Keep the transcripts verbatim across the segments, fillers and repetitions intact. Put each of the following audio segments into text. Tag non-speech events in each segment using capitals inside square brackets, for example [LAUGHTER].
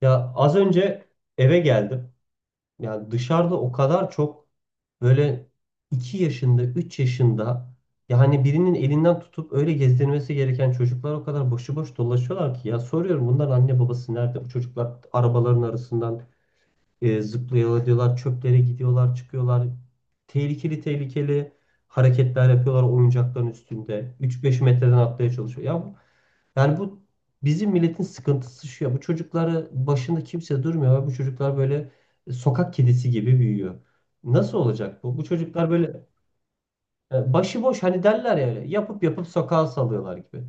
Ya az önce eve geldim. Yani dışarıda o kadar çok böyle iki yaşında, üç yaşında yani birinin elinden tutup öyle gezdirmesi gereken çocuklar o kadar başıboş dolaşıyorlar ki ya soruyorum bunların anne babası nerede? Bu çocuklar arabaların arasından e, zıplayalı diyorlar, çöplere gidiyorlar, çıkıyorlar. Tehlikeli tehlikeli hareketler yapıyorlar oyuncakların üstünde. Üç beş metreden atlaya çalışıyor. Ya yani bu bizim milletin sıkıntısı şu ya. Bu çocukları başında kimse durmuyor ve bu çocuklar böyle e, sokak kedisi gibi büyüyor. Nasıl olacak bu? Bu çocuklar böyle e, başıboş hani derler ya öyle, yapıp yapıp sokağa salıyorlar gibi.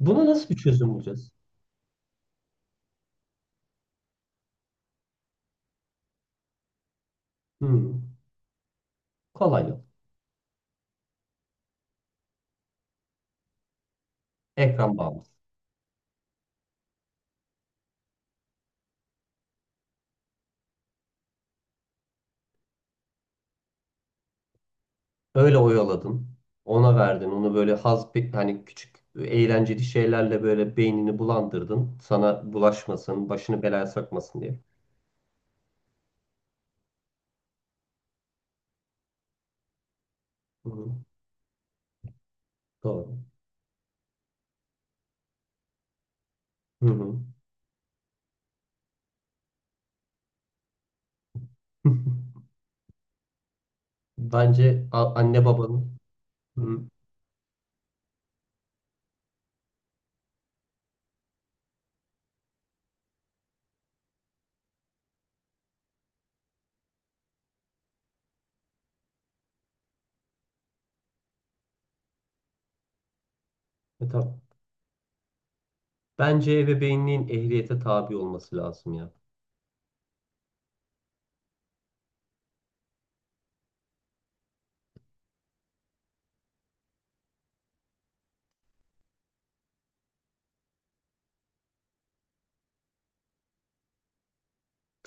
Buna nasıl bir çözüm bulacağız? Hmm, kolay yok. Ekran bağımlısı. Öyle oyaladın. Ona verdin. Onu böyle haz hani küçük e, eğlenceli şeylerle böyle beynini bulandırdın. Sana bulaşmasın, başını belaya sokmasın diye. Hı hı. Doğru. Hı hı. [LAUGHS] Bence a- anne babanın. Hı. E, tamam. Bence ebeveynliğin ehliyete tabi olması lazım ya.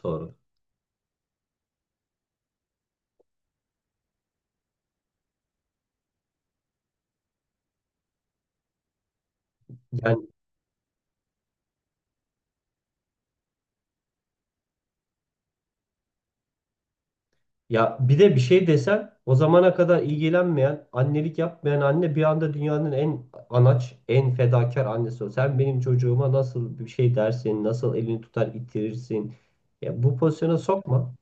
Doğru. Yani ya bir de bir şey desen o zamana kadar ilgilenmeyen, annelik yapmayan anne bir anda dünyanın en anaç, en fedakar annesi o. Sen benim çocuğuma nasıl bir şey dersin, nasıl elini tutar itirirsin. Ya bu pozisyona sokma.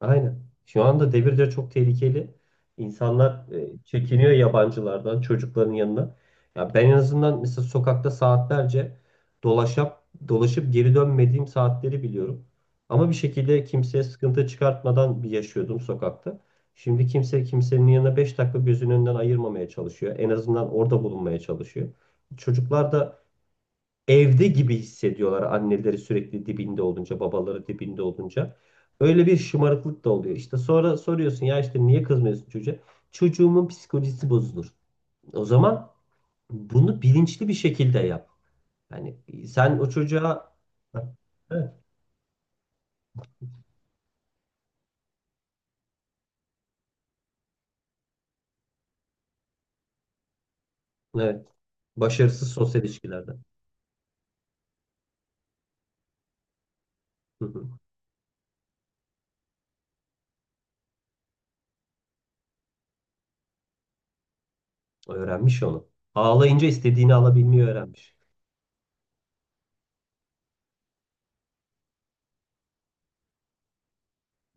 Aynen. Şu anda devirde çok tehlikeli. İnsanlar e, çekiniyor yabancılardan, çocukların yanına. Ya ben en azından mesela sokakta saatlerce dolaşıp dolaşıp geri dönmediğim saatleri biliyorum. Ama bir şekilde kimseye sıkıntı çıkartmadan bir yaşıyordum sokakta. Şimdi kimse kimsenin yanına beş dakika gözünün önünden ayırmamaya çalışıyor. En azından orada bulunmaya çalışıyor. Çocuklar da evde gibi hissediyorlar anneleri sürekli dibinde olunca, babaları dibinde olunca. Öyle bir şımarıklık da oluyor. İşte sonra soruyorsun ya işte niye kızmıyorsun çocuğa? Çocuğumun psikolojisi bozulur. O zaman bunu bilinçli bir şekilde yap. Yani sen o çocuğa evet, evet, başarısız sosyal ilişkilerde. Hı hı. Öğrenmiş onu. Ağlayınca istediğini alabilmeyi öğrenmiş.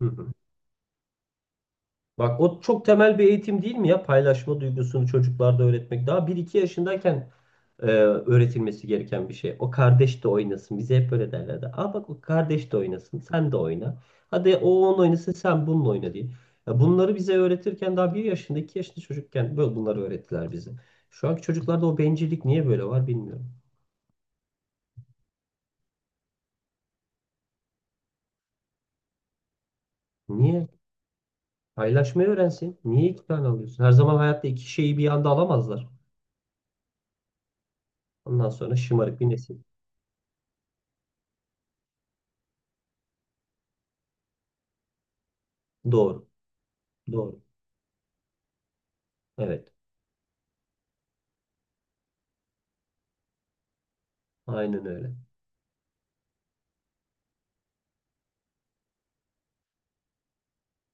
Hı hı. Bak o çok temel bir eğitim değil mi ya? Paylaşma duygusunu çocuklarda öğretmek. Daha bir iki yaşındayken e, öğretilmesi gereken bir şey. O kardeş de oynasın. Bize hep böyle derlerdi. Aa bak o kardeş de oynasın. Sen de oyna. Hadi o onun oynasın sen bununla oyna diye. Ya bunları bize öğretirken daha bir yaşında iki yaşında çocukken böyle bunları öğrettiler bize. Şu anki çocuklarda o bencillik niye böyle var bilmiyorum. Niye? Paylaşmayı öğrensin. Niye iki tane alıyorsun? Her zaman hayatta iki şeyi bir anda alamazlar. Ondan sonra şımarık bir nesil. Doğru. Doğru. Evet. Aynen öyle.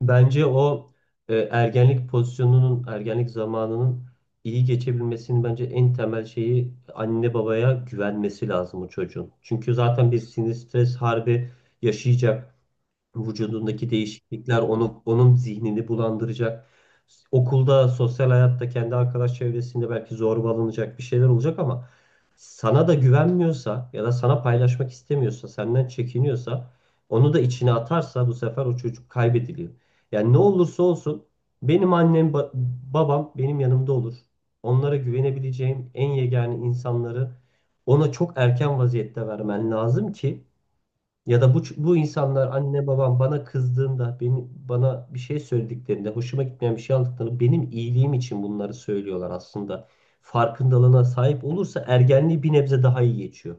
Bence o e, ergenlik pozisyonunun, ergenlik zamanının iyi geçebilmesinin bence en temel şeyi anne babaya güvenmesi lazım o çocuğun. Çünkü zaten bir sinir stres harbi yaşayacak. Vücudundaki değişiklikler onu onun zihnini bulandıracak. Okulda, sosyal hayatta, kendi arkadaş çevresinde belki zorbalanacak bir şeyler olacak ama sana da güvenmiyorsa ya da sana paylaşmak istemiyorsa, senden çekiniyorsa onu da içine atarsa bu sefer o çocuk kaybediliyor. Yani ne olursa olsun benim annem, ba- babam benim yanımda olur. Onlara güvenebileceğim en yegane insanları ona çok erken vaziyette vermen lazım ki ya da bu bu insanlar anne babam bana kızdığında, beni bana bir şey söylediklerinde, hoşuma gitmeyen bir şey aldıklarında benim iyiliğim için bunları söylüyorlar aslında. Farkındalığına sahip olursa ergenliği bir nebze daha iyi geçiyor.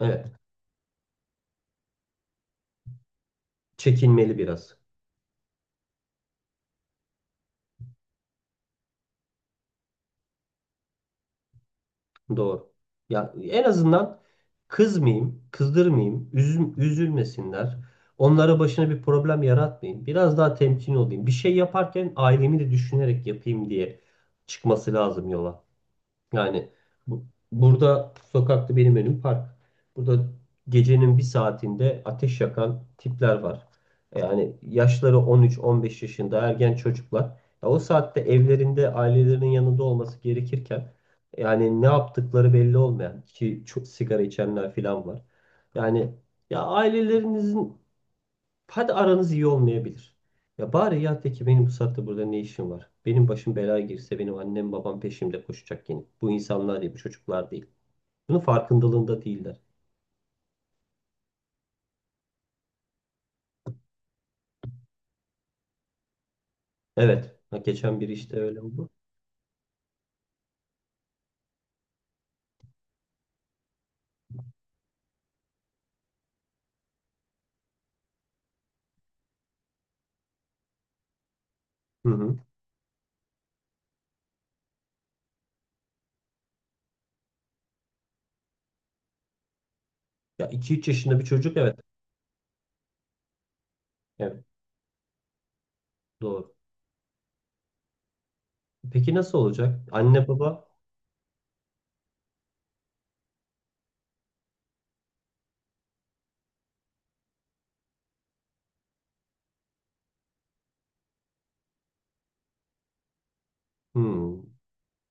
Evet, çekinmeli biraz. Doğru. Ya en azından kızmayayım, kızdırmayayım, üzüm, üzülmesinler. Onlara başına bir problem yaratmayayım. Biraz daha temkinli olayım. Bir şey yaparken ailemi de düşünerek yapayım diye çıkması lazım yola. Yani bu, burada sokakta benim önüm park. Burada gecenin bir saatinde ateş yakan tipler var. Yani yaşları on üç on beş yaşında ergen çocuklar. Ya o saatte evlerinde ailelerinin yanında olması gerekirken yani ne yaptıkları belli olmayan ki çok sigara içenler falan var. Yani ya ailelerinizin. Hadi aranız iyi olmayabilir. Ya bari ya de ki benim bu saatte burada ne işim var? Benim başım belaya girse benim annem babam peşimde koşacak yine. Bu insanlar değil, bu çocuklar değil. Bunun farkındalığında değiller. Evet. Ha, geçen biri işte öyle oldu. Hı hı. Ya iki üç yaşında bir çocuk evet. Evet, doğru. Peki nasıl olacak? Anne baba? Hmm.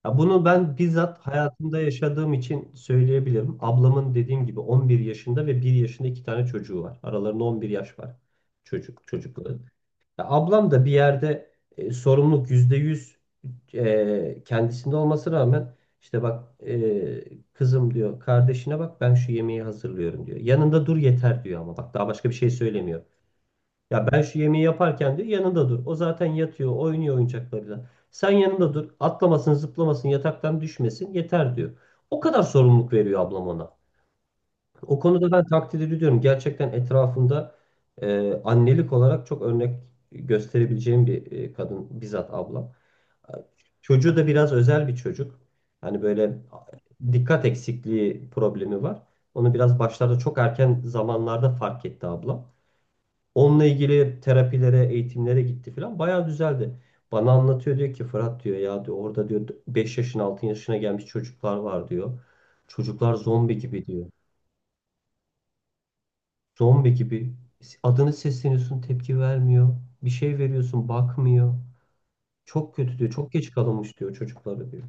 Ya bunu ben bizzat hayatımda yaşadığım için söyleyebilirim. Ablamın dediğim gibi on bir yaşında ve bir yaşında iki tane çocuğu var. Aralarında on bir yaş var. Çocuk, çocukları. Ya ablam da bir yerde e, sorumluluk yüzde yüz e, kendisinde olması rağmen işte bak e, kızım diyor kardeşine bak ben şu yemeği hazırlıyorum diyor. Yanında dur yeter diyor ama bak daha başka bir şey söylemiyor. Ya ben şu yemeği yaparken diyor yanında dur. O zaten yatıyor oynuyor oyuncaklarıyla. Sen yanında dur atlamasın zıplamasın yataktan düşmesin yeter diyor. O kadar sorumluluk veriyor ablam ona. O konuda ben takdir ediyorum. Gerçekten etrafımda e, annelik olarak çok örnek gösterebileceğim bir e, kadın bizzat ablam. Çocuğu da biraz özel bir çocuk. Hani böyle dikkat eksikliği problemi var. Onu biraz başlarda çok erken zamanlarda fark etti ablam. Onunla ilgili terapilere, eğitimlere gitti falan. Bayağı düzeldi. Bana anlatıyor diyor ki Fırat diyor ya diyor orada diyor beş yaşın altı yaşına gelmiş çocuklar var diyor. Çocuklar zombi gibi diyor. Zombi gibi adını sesleniyorsun tepki vermiyor. Bir şey veriyorsun bakmıyor. Çok kötü diyor. Çok geç kalınmış diyor çocukları diyor.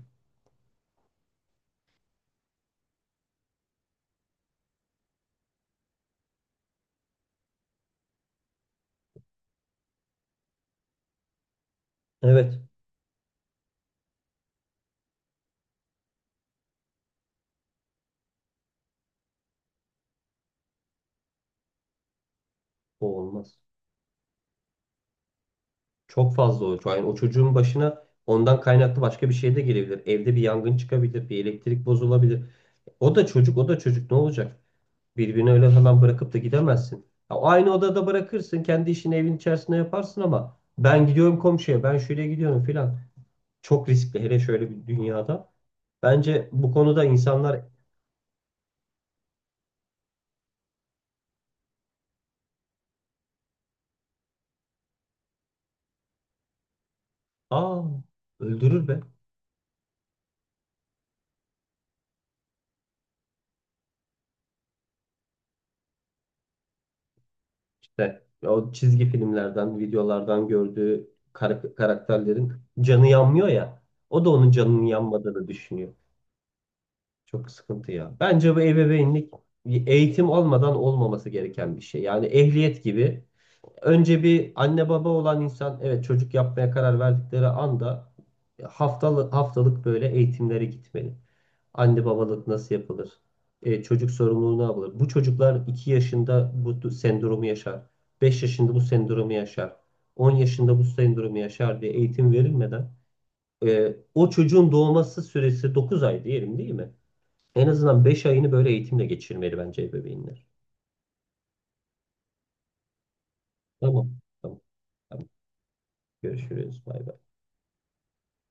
Evet, o olmaz. Çok fazla o. Yani o çocuğun başına ondan kaynaklı başka bir şey de gelebilir. Evde bir yangın çıkabilir. Bir elektrik bozulabilir. O da çocuk o da çocuk ne olacak? Birbirini öyle hemen bırakıp da gidemezsin. Ya aynı odada bırakırsın. Kendi işini evin içerisinde yaparsın ama ben gidiyorum komşuya ben şöyle gidiyorum filan. Çok riskli hele şöyle bir dünyada. Bence bu konuda insanlar. Aa, öldürür be. İşte o çizgi filmlerden, videolardan gördüğü kar- karakterlerin canı yanmıyor ya. O da onun canının yanmadığını düşünüyor. Çok sıkıntı ya. Bence bu ebeveynlik eğitim olmadan olmaması gereken bir şey. Yani ehliyet gibi. Önce bir anne baba olan insan evet çocuk yapmaya karar verdikleri anda haftalık haftalık böyle eğitimlere gitmeli. Anne babalık nasıl yapılır? E, çocuk sorumluluğu ne yapılır? Bu çocuklar iki yaşında bu du- sendromu yaşar. Beş yaşında bu sendromu yaşar. On yaşında bu sendromu yaşar diye eğitim verilmeden e, o çocuğun doğması süresi dokuz ay diyelim değil mi? En azından beş ayını böyle eğitimle geçirmeli bence ebeveynler. Tamam. Tamam. Tamam. Görüşürüz. Bay bay.